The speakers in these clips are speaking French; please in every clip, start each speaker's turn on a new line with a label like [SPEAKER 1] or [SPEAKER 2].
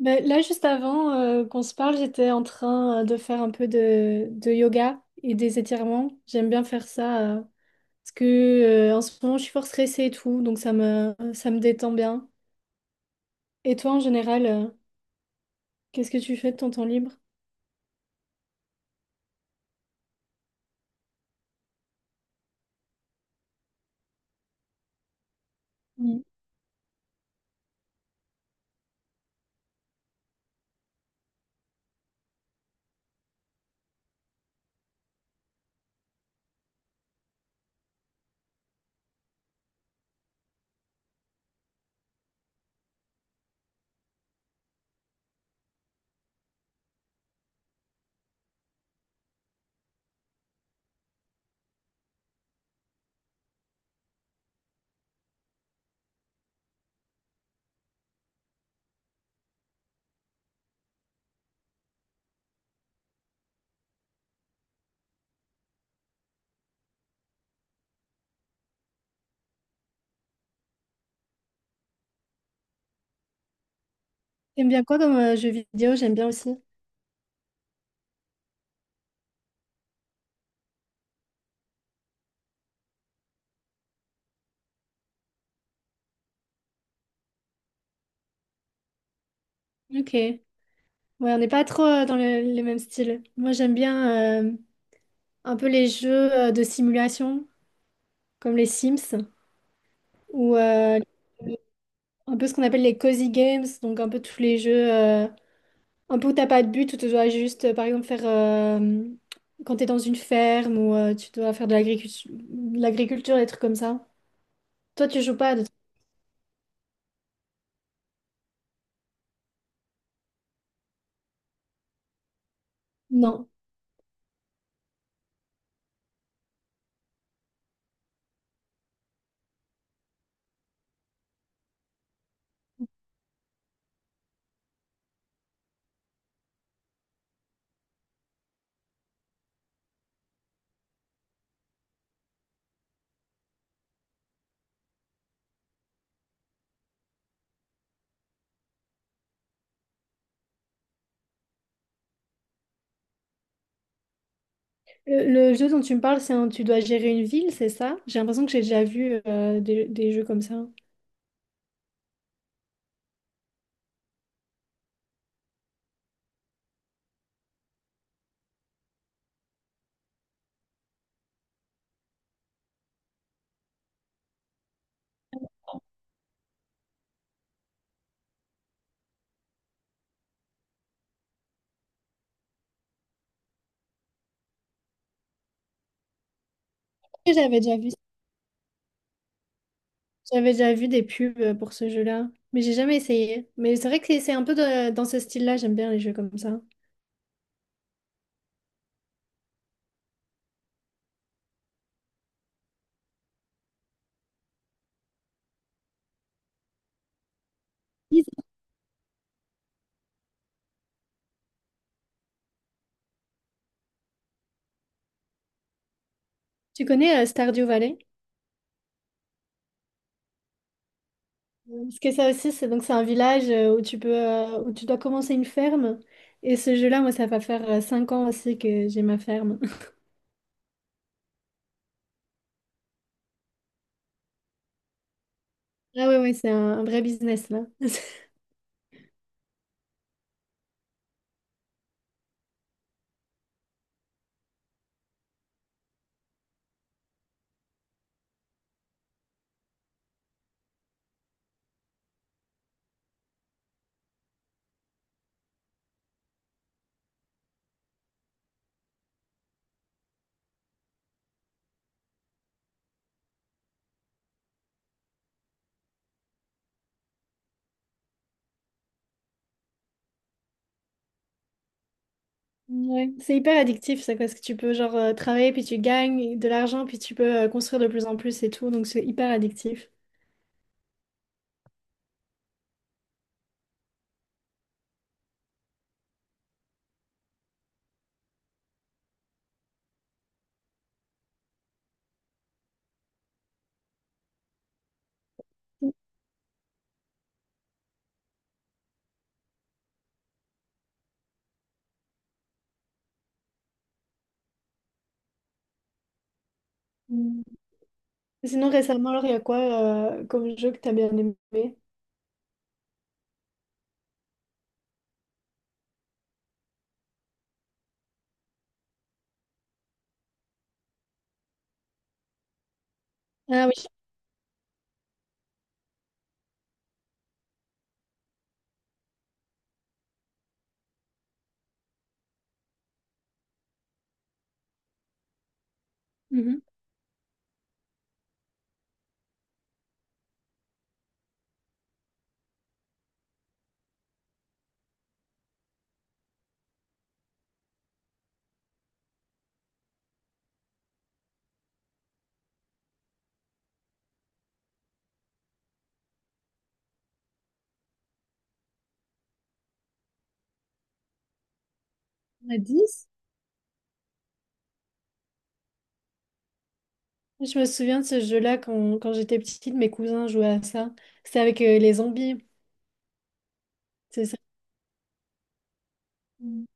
[SPEAKER 1] Ben, là, juste avant qu'on se parle, j'étais en train de faire un peu de yoga et des étirements. J'aime bien faire ça parce que en ce moment, je suis fort stressée et tout, donc ça me détend bien. Et toi, en général, qu'est-ce que tu fais de ton temps libre? Mm. J'aime bien quoi comme jeu vidéo? J'aime bien aussi. Ok. Ouais, on n'est pas trop dans les mêmes styles. Moi, j'aime bien un peu les jeux de simulation, comme les Sims, ou un peu ce qu'on appelle les cozy games, donc un peu tous les jeux. Un pot, t'as pas de but, où tu dois juste, par exemple, quand t'es dans une ferme ou tu dois faire de l'agriculture, des trucs comme ça. Toi, tu joues pas à des trucs. Non. Le, le jeu dont tu me parles, tu dois gérer une ville, c'est ça? J'ai l'impression que j'ai déjà vu des jeux comme ça. Et J'avais déjà vu, j'avais déjà vu des pubs pour ce jeu-là, mais j'ai jamais essayé. Mais c'est vrai que c'est un peu dans ce style-là, j'aime bien les jeux comme ça. Tu connais Stardew Valley? Parce que ça aussi, c'est un village où où tu dois commencer une ferme. Et ce jeu-là, moi, ça va faire 5 ans aussi que j'ai ma ferme. Ah ouais, ouais, c'est un vrai business là. Ouais. C'est hyper addictif ça, parce que tu peux genre travailler, puis tu gagnes de l'argent, puis tu peux construire de plus en plus et tout. Donc c'est hyper addictif. Mm. Sinon, récemment, alors, il y a quoi comme jeu que t'as bien aimé? Ah oui. Mhm. On a 10? Je me souviens de ce jeu-là quand j'étais petite, mes cousins jouaient à ça. C'était avec les zombies. C'est ça. Mm.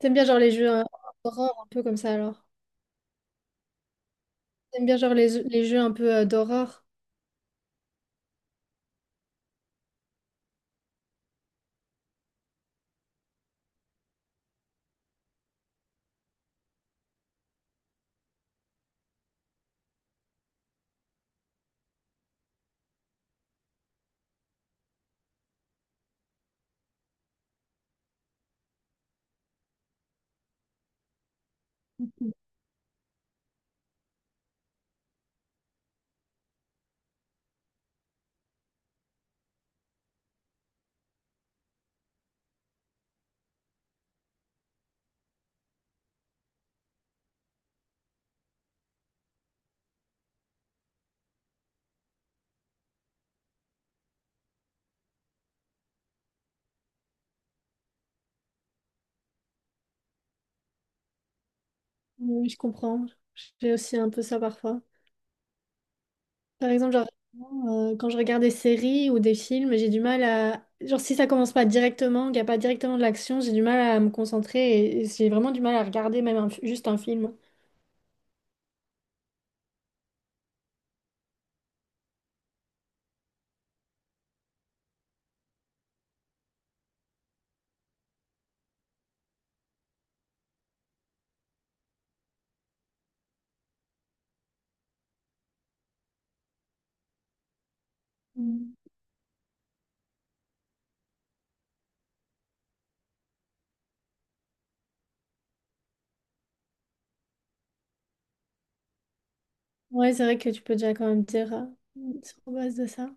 [SPEAKER 1] T'aimes bien genre les jeux d'horreur un peu comme ça alors? T'aimes bien genre les jeux un peu d'horreur? Oui, je comprends. J'ai aussi un peu ça parfois. Par exemple, genre quand je regarde des séries ou des films, j'ai du mal à... Genre si ça commence pas directement, qu'il n'y a pas directement de l'action, j'ai du mal à me concentrer et j'ai vraiment du mal à regarder même juste un film. Mm. Ouais, c'est vrai que tu peux déjà quand même dire sur base de ça.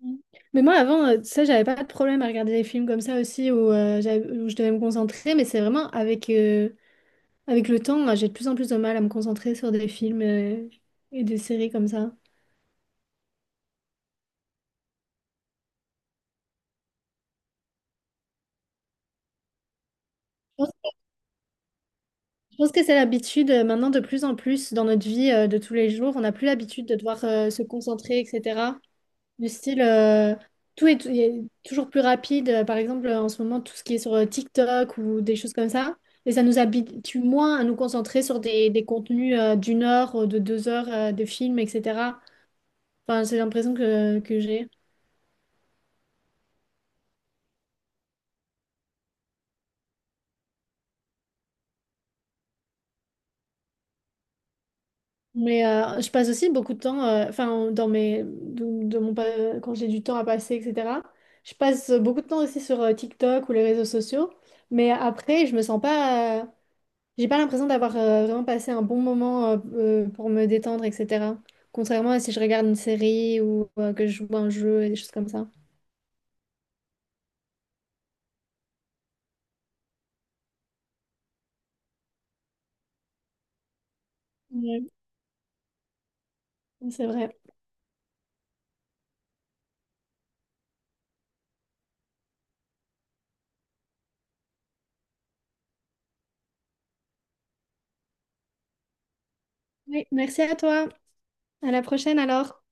[SPEAKER 1] Mm. Mais moi, avant, tu sais, j'avais pas de problème à regarder des films comme ça aussi où, où je devais me concentrer, mais c'est vraiment avec le temps, j'ai de plus en plus de mal à me concentrer sur des films, et des séries comme ça. Je pense, je pense que c'est l'habitude maintenant de plus en plus dans notre vie, de tous les jours. On n'a plus l'habitude de devoir, se concentrer, etc. Du style, il est toujours plus rapide. Par exemple, en ce moment, tout ce qui est sur TikTok ou des choses comme ça. Et ça nous habitue moins à nous concentrer sur des contenus d'1 heure, de 2 heures, de films, etc. Enfin, c'est l'impression que j'ai. Mais je passe aussi beaucoup de temps, enfin, dans mes, de mon, pa- quand j'ai du temps à passer, etc. Je passe beaucoup de temps aussi sur TikTok ou les réseaux sociaux. Mais après, je me sens pas. J'ai pas l'impression d'avoir vraiment passé un bon moment pour me détendre, etc. Contrairement à si je regarde une série ou que je joue à un jeu et des choses comme ça. Ouais, c'est vrai. Oui, merci à toi. À la prochaine alors.